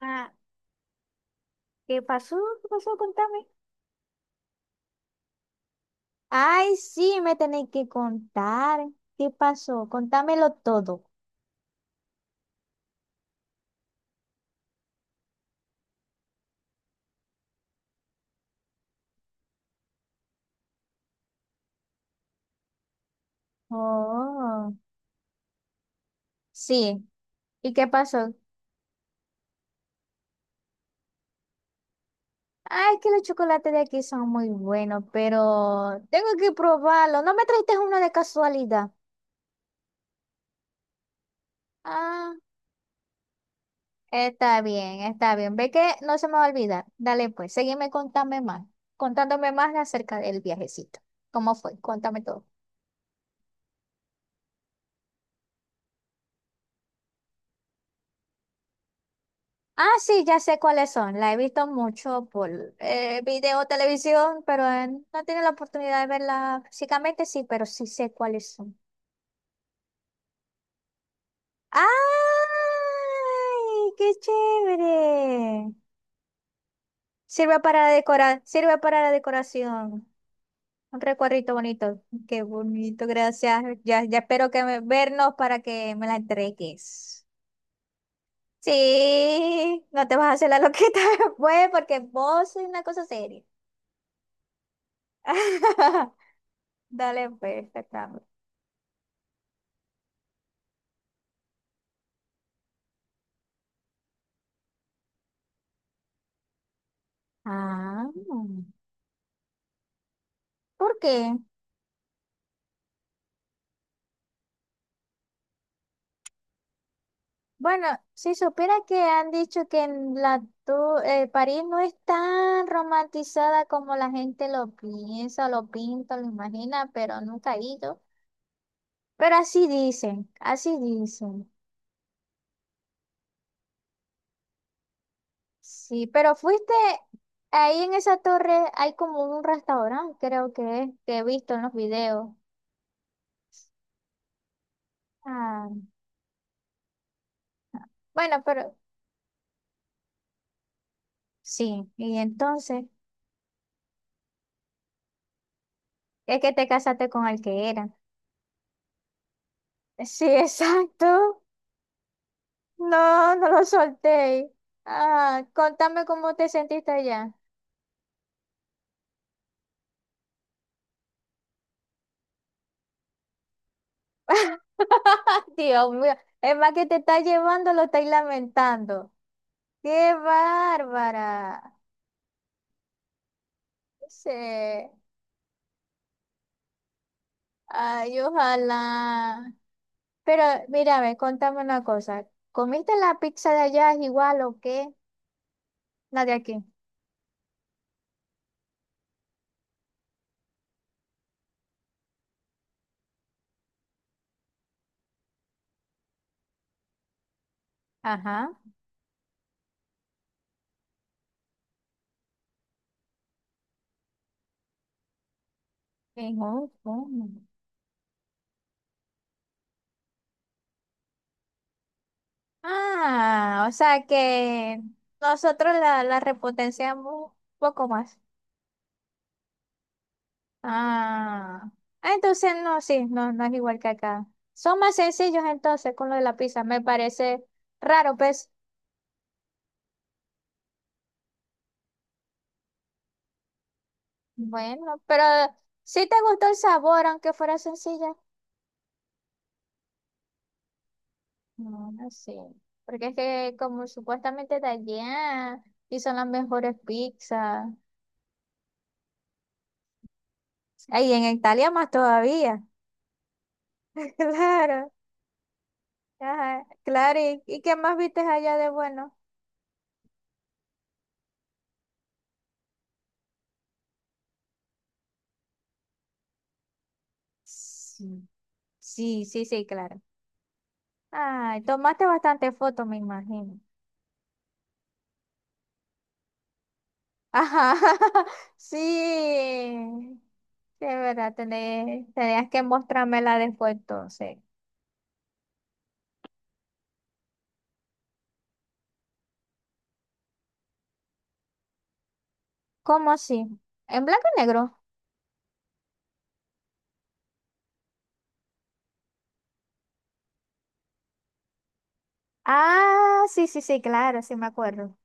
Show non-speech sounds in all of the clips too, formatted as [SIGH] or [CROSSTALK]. Ah, ¿qué pasó? ¿Qué pasó? Contame. Ay, sí, me tenéis que contar. ¿Qué pasó? Contámelo todo. Oh. Sí. ¿Y qué pasó? Ay, que los chocolates de aquí son muy buenos, pero tengo que probarlo. ¿No me trajiste uno de casualidad? Ah, está bien, está bien. Ve que no se me va a olvidar. Dale, pues, seguime contame más, contándome más acerca del viajecito. ¿Cómo fue? Cuéntame todo. Ah, sí, ya sé cuáles son. La he visto mucho por video, televisión, pero no tiene la oportunidad de verla físicamente, sí, pero sí sé cuáles son. ¡Ay, qué chévere! Sirve para decorar, sirve para la decoración. Un recuadrito bonito. Qué bonito, gracias. Ya, ya espero que me, vernos para que me la entregues. Sí, no te vas a hacer la loquita [LAUGHS] después porque vos sois una cosa seria. [LAUGHS] Dale, pues, está claro. Ah, ¿por qué? Bueno, si supiera que han dicho que en la París no es tan romantizada como la gente lo piensa, lo pinta, lo imagina, pero nunca he ido. Pero así dicen, así dicen. Sí, pero fuiste ahí en esa torre, hay como un restaurante, creo que es, que he visto en los videos. Ah, bueno, pero sí, y entonces, es que te casaste con el que era. Sí, exacto. No, no lo solté. Ah, contame cómo te sentiste allá. [LAUGHS] Dios mío, es más que te está llevando, lo estáis lamentando. ¡Qué bárbara! Sí. Ay, ojalá. Pero mira, a ver, contame una cosa. ¿Comiste la pizza de allá igual o qué? La de aquí. Ajá. En Hong Kong. Ah, o sea que nosotros la repotenciamos un poco más. Ah, ah, entonces no, sí, no, no es igual que acá. Son más sencillos entonces con lo de la pizza, me parece raro, pues. Bueno, pero si te gustó el sabor, aunque fuera sencilla. No, no sé. Porque es que como supuestamente de allá y son las mejores pizzas. Ahí en Italia más todavía. [LAUGHS] Claro. Ajá, claro, ¿y, qué más viste allá de bueno? Sí. Sí, sí, sí, claro. Ay, tomaste bastante fotos, me imagino. Ajá, [LAUGHS] sí, sí, es verdad, tenías que mostrármela después entonces. ¿Cómo así? ¿En blanco y negro? Ah, sí, sí, sí, claro, sí me acuerdo.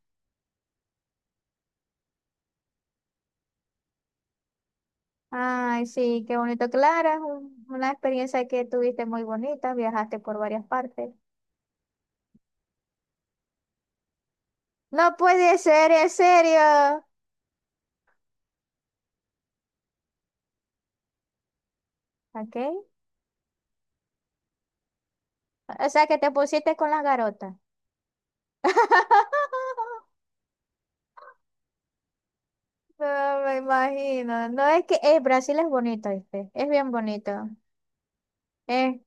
Ay, sí, qué bonito, Clara, es una experiencia que tuviste muy bonita, viajaste por varias partes. No puede ser, en serio. ¿Ok? O sea, que te pusiste con las garotas. [LAUGHS] No me imagino. No es que Brasil es bonito, ¿viste? Es bien bonito. Eh,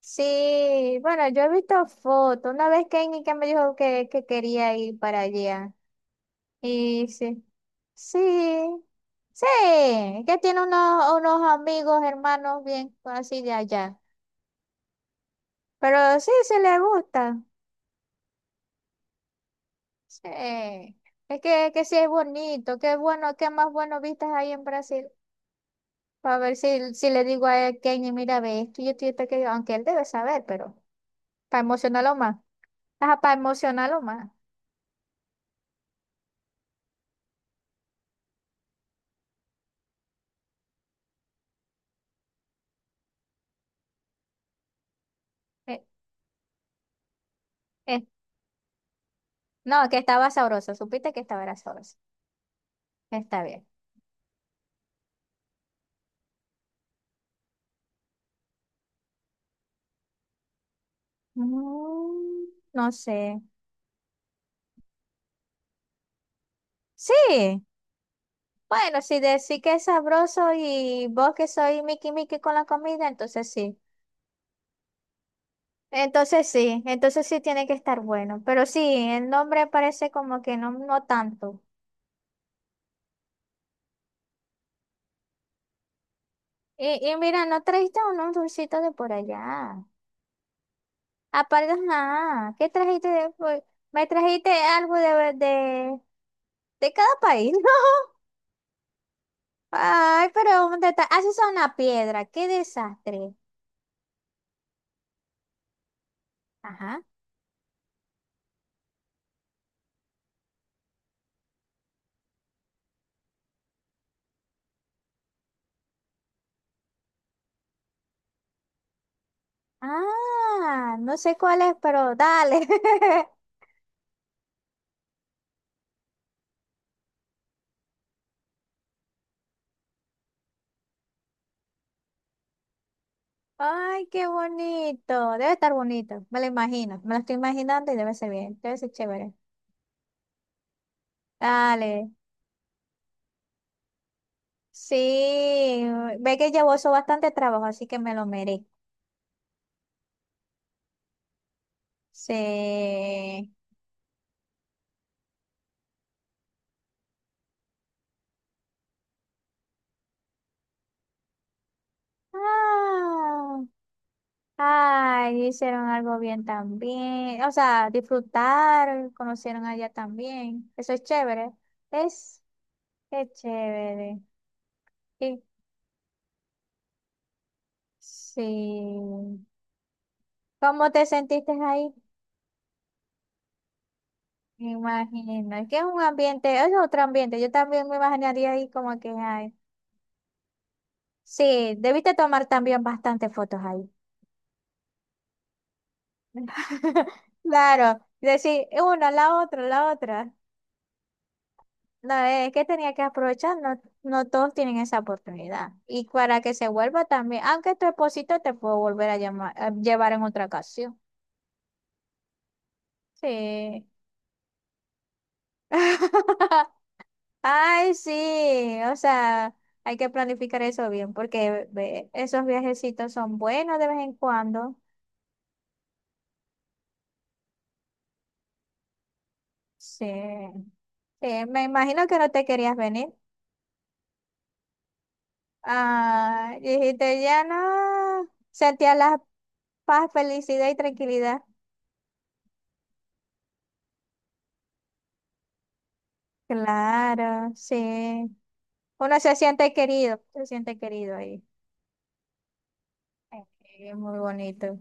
sí, bueno, yo he visto fotos. Una vez que me dijo que quería ir para allá. Y sí, sí, sí, que tiene unos, unos amigos, hermanos bien así de allá. Pero sí, sí le gusta. Sí, es que sí es bonito. Qué bueno, qué más bueno vistas hay en Brasil. Para ver si, si le digo a él, Kenny, mira, ve esto y esto y esto, aquello", aunque él debe saber, pero para emocionarlo más. Ajá, para emocionarlo más. Eh, eh, No, que estaba sabroso, supiste que estaba era sabroso. Está bien. Mm, no sé. Sí, bueno, si decís que es sabroso y vos que soy Mickey Mickey con la comida, entonces sí. Entonces sí, entonces sí tiene que estar bueno. Pero sí, el nombre parece como que no, no tanto. Y mira, ¿no trajiste unos dulcitos de por allá? Aparte, nada. ¿Qué trajiste después? Me trajiste algo de cada país, [LAUGHS] ¿no? Ay, pero un detalle. Haces una piedra. Qué desastre. Ajá. Ah, no sé cuál es, pero dale. [LAUGHS] Ay, qué bonito. Debe estar bonito. Me lo imagino. Me lo estoy imaginando y debe ser bien. Debe ser chévere. Dale. Sí. Ve que llevó eso bastante trabajo, así que me lo merezco. Sí. Ah. Ay, hicieron algo bien también. O sea, disfrutar, conocieron allá también. Eso es chévere. Es, es chévere. Y, sí. ¿Cómo te sentiste ahí? Me imagino. Es que es un ambiente, es otro ambiente. Yo también me imaginaría ahí como que, ay. Sí, debiste tomar también bastantes fotos ahí. [LAUGHS] Claro. Decir una, la otra, la otra. No, es que tenía que aprovechar, no, no todos tienen esa oportunidad. Y para que se vuelva también, aunque tu esposito te puedo volver a llamar, a llevar en otra ocasión. Sí. [LAUGHS] Ay, sí, o sea, hay que planificar eso bien, porque ve, esos viajecitos son buenos de vez en cuando. Sí. Sí, me imagino que no te querías venir. Ah, dijiste, ya no. Sentías la paz, felicidad y tranquilidad. Claro, sí. Uno se siente querido ahí. Ok. Es muy bonito.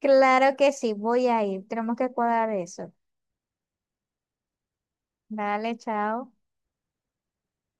Claro que sí, voy a ir. Tenemos que cuadrar eso. Dale, chao.